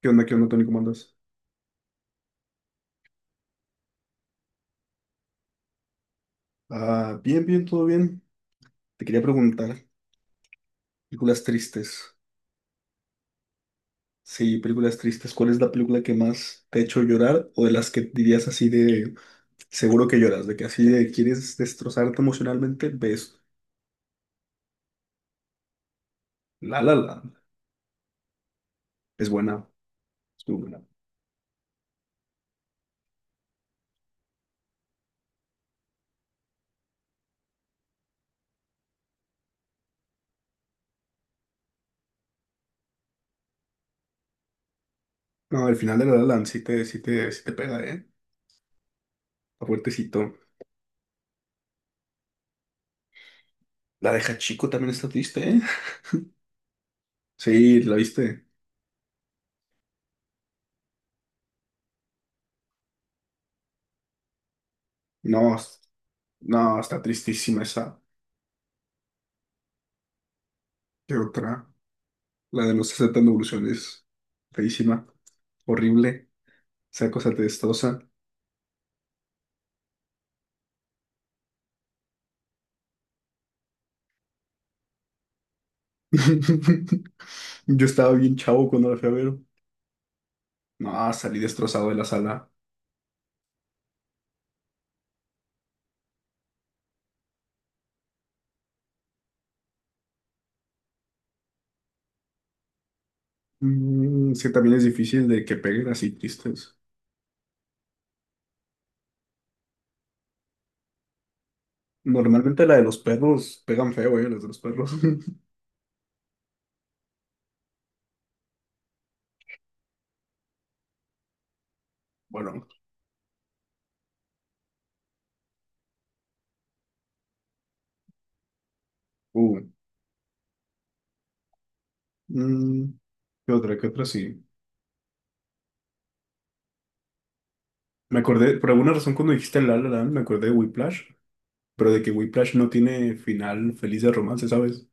Qué onda, Tony? ¿Cómo andas? Ah, bien, bien, todo bien. Te quería preguntar, películas tristes. Sí, películas tristes. ¿Cuál es la película que más te ha hecho llorar o de las que dirías así de seguro que lloras, de que así de quieres destrozarte emocionalmente? Ves La La Land. Es buena, es muy buena. No, el final de La La Land sí te pega, ¿eh? Está fuertecito. La de Hachiko también está triste, ¿eh? Sí, ¿la viste? No, no, está tristísima esa. ¿Qué otra? La de los 60 en evolución feísima, horrible, esa cosa te destroza. Yo estaba bien chavo cuando la fui a ver. No, salí destrozado de la sala. Mm, sí, también es difícil de que peguen así tristes. Normalmente la de los perros pegan feo, las de los perros. Bueno, uh, mm, ¿qué otra? ¿Qué otra? Sí. Me acordé, por alguna razón cuando dijiste en La La Land, me acordé de Whiplash, pero de que Whiplash no tiene final feliz de romance, ¿sabes?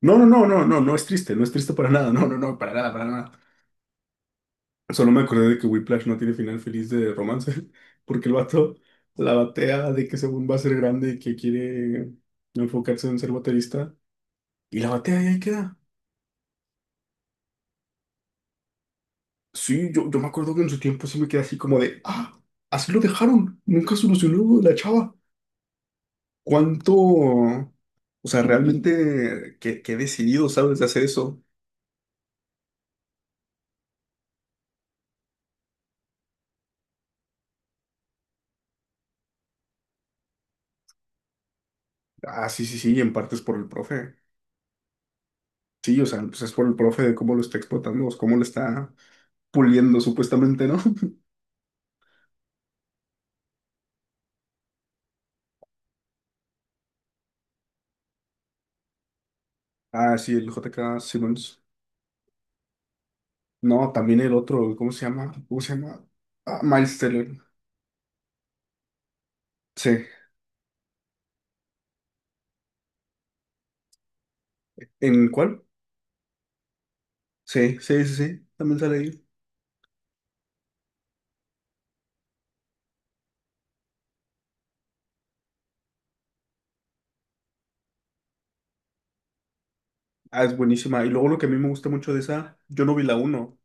No, no, no, no, no, no es triste, no es triste para nada, no, no, no, para nada, para nada. Solo me acordé de que Whiplash no tiene final feliz de romance, porque el vato la batea de que según va a ser grande y que quiere enfocarse en ser baterista, y la batea y ahí queda. Sí, yo me acuerdo que en su tiempo sí me quedé así como de, ah, así lo dejaron, nunca solucionó la chava. ¿Cuánto? O sea, realmente, qué, qué decidido, ¿sabes? De hacer eso. Ah, sí, sí, sí, en parte es por el profe. Sí, o sea, pues es por el profe de cómo lo está explotando, o cómo lo está puliendo supuestamente, ¿no? Ah, sí, el J. K. Simmons. No, también el otro, ¿cómo se llama? ¿Cómo se llama? Ah, Miles Teller. Sí. ¿En cuál? Sí, sí, sí, sí. También sale ahí. Ah, es buenísima. Y luego lo que a mí me gusta mucho de esa, yo no vi la uno,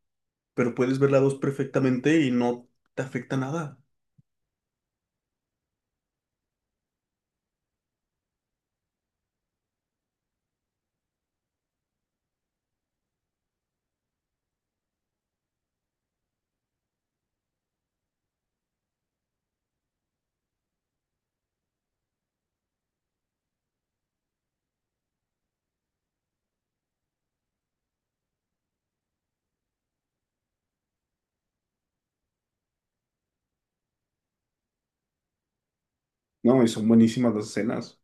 pero puedes ver la 2 perfectamente y no te afecta nada. No, y son buenísimas las escenas.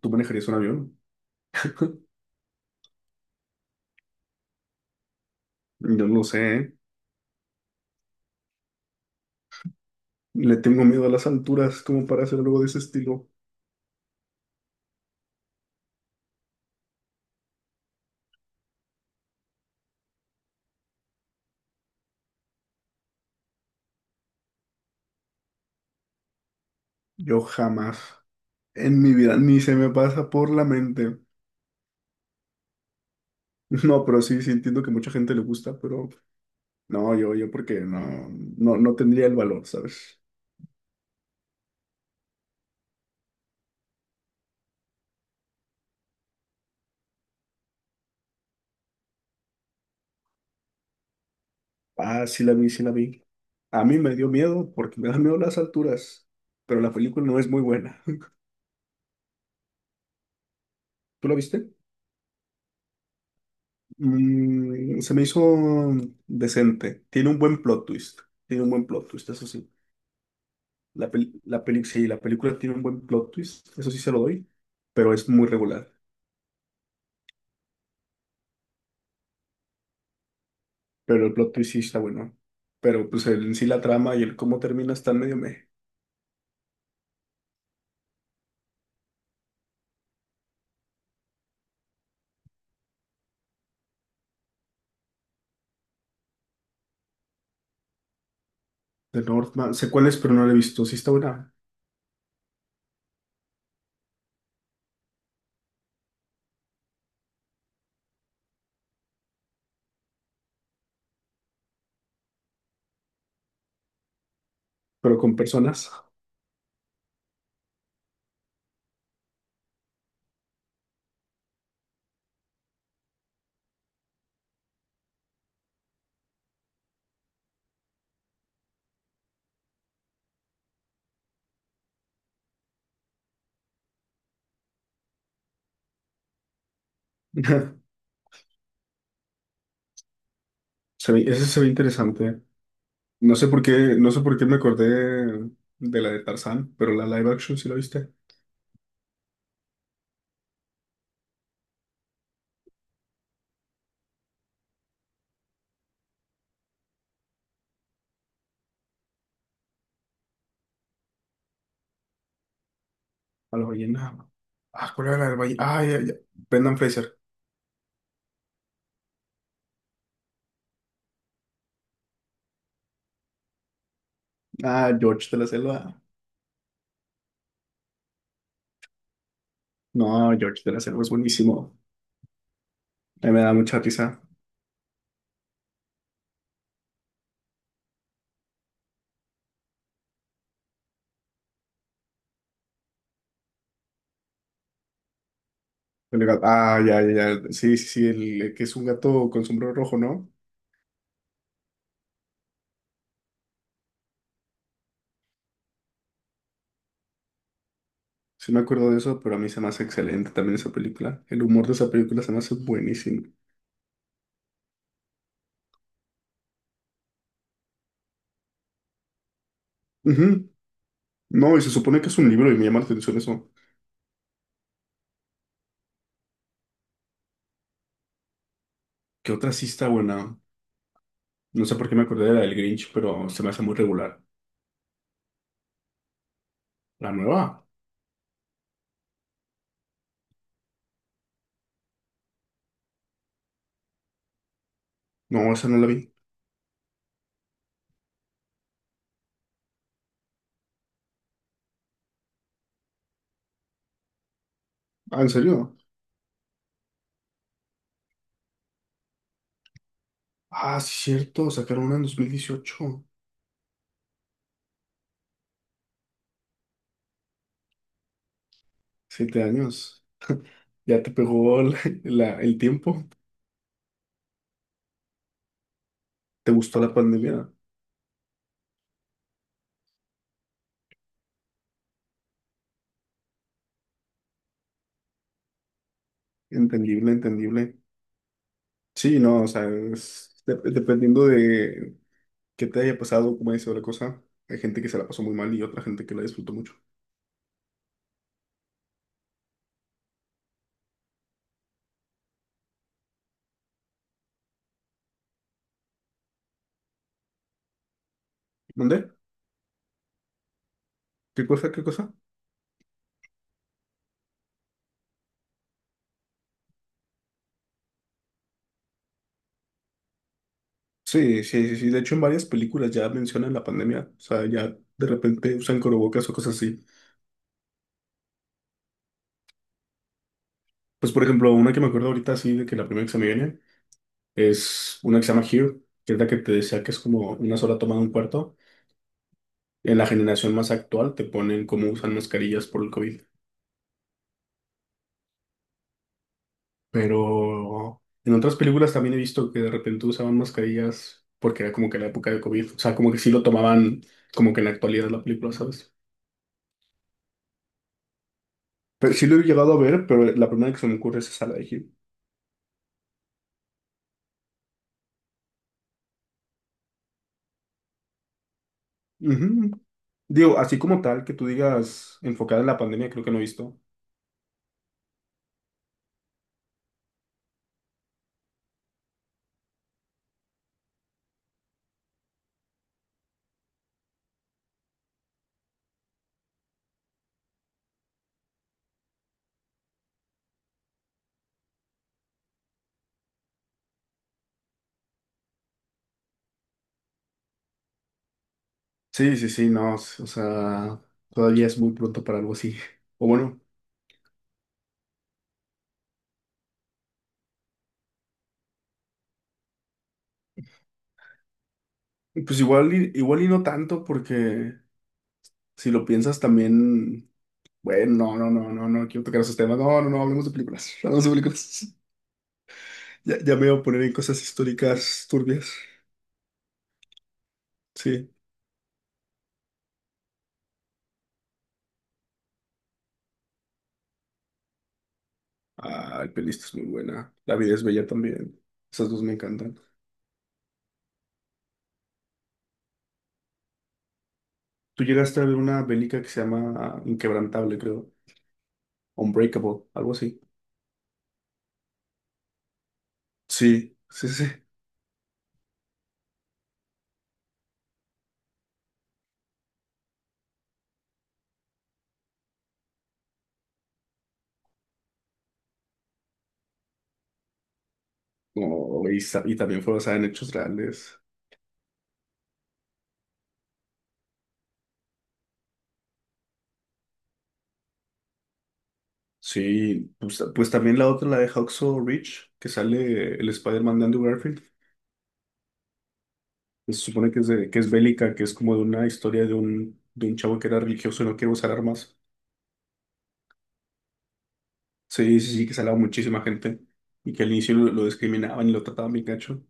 ¿Tú manejarías un avión? Yo no lo sé, ¿eh? Le tengo miedo a las alturas como para hacer algo de ese estilo. Yo jamás en mi vida ni se me pasa por la mente. No, pero sí, sí entiendo que mucha gente le gusta, pero no, yo porque no, no, no tendría el valor, ¿sabes? Ah, sí la vi, sí la vi. A mí me dio miedo porque me dan miedo las alturas, pero la película no es muy buena. ¿Tú la viste? Mm, se me hizo decente. Tiene un buen plot twist. Tiene un buen plot twist, eso sí. Sí, la película tiene un buen plot twist, eso sí se lo doy, pero es muy regular. Pero el plot twist sí está bueno. Pero pues en sí la trama y el cómo termina está medio meh. The Northman, sé cuál es, pero no la he visto. Sí está buena, pero con personas. Ese se ve interesante. No sé por qué me acordé de la de Tarzán, pero la live action sí la viste. A la ballena. Ah, ¿cuál era la del ballena? Ah, ya, ya. Brendan Fraser. Ah, George de la Selva. No, George de la Selva es buenísimo. A mí me da mucha risa. Ah, ya, ya, ya. Sí, sí, sí, el que es un gato con sombrero rojo, ¿no? Sí me acuerdo de eso, pero a mí se me hace excelente también esa película. El humor de esa película se me hace buenísimo. Ujú. No, y se supone que es un libro y me llama la atención eso. ¿Qué otra sí está buena? No sé por qué me acordé de la del Grinch, pero se me hace muy regular. ¿La nueva? No, esa no la vi. Ah, ¿en serio? Ah, sí, cierto. Sacaron una en 2018. 7 años. Ya te pegó el tiempo. ¿Te gustó la pandemia? Entendible, entendible. Sí, no, o sea, dependiendo de qué te haya pasado, cómo haya sido la cosa, hay gente que se la pasó muy mal y otra gente que la disfrutó mucho. ¿Dónde? ¿Qué cosa? ¿Qué cosa? Sí, sí, sí, sí. De hecho, en varias películas ya mencionan la pandemia. O sea, ya de repente usan corobocas o cosas así. Pues, por ejemplo, una que me acuerdo ahorita, así, de que la primera que se me viene es una que se llama Here, que es la que te decía que es como una sola toma de un cuarto. En la generación más actual te ponen cómo usan mascarillas por el COVID. Pero en otras películas también he visto que de repente usaban mascarillas porque era como que la época de COVID. O sea, como que sí lo tomaban como que en la actualidad de la película, ¿sabes? Pero sí lo he llegado a ver, pero la primera que se me ocurre es esa, la de Him. Ujú. Digo, así como tal, que tú digas enfocada en la pandemia, creo que no he visto. Sí, sí, sí, no. O sea, todavía es muy pronto para algo así. O bueno, pues igual, igual y no tanto, porque si lo piensas también. Bueno, no, no, no, no, no quiero tocar esos temas. No, no, no, hablemos de películas. Hablemos de películas. Ya, ya me voy a poner en cosas históricas turbias. Sí. Ah, el pelista es muy buena. La vida es bella también. Esas dos me encantan. Tú llegaste a ver una bélica que se llama ah, Inquebrantable, creo. Unbreakable, algo así. Sí, sí, sí. No, y, y también fue basada en hechos reales. Sí, pues, pues también la otra, la de Hacksaw Ridge, que sale el Spider-Man de Andrew Garfield. Se supone que es, que es bélica, que es como de una historia de un chavo que era religioso y no quiere usar armas. Sí, sí, sí, que salaba muchísima gente y que al inicio lo discriminaban y lo trataban bien gacho.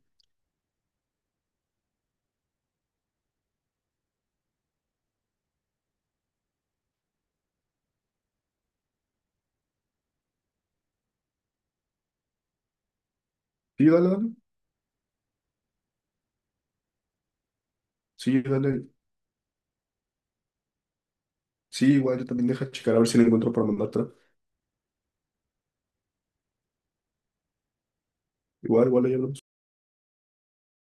Sí, dale, dale. Sí, dale. Sí, igual yo también deja checar a ver si la encuentro para mandártela. Igual, igual, ahí hablamos.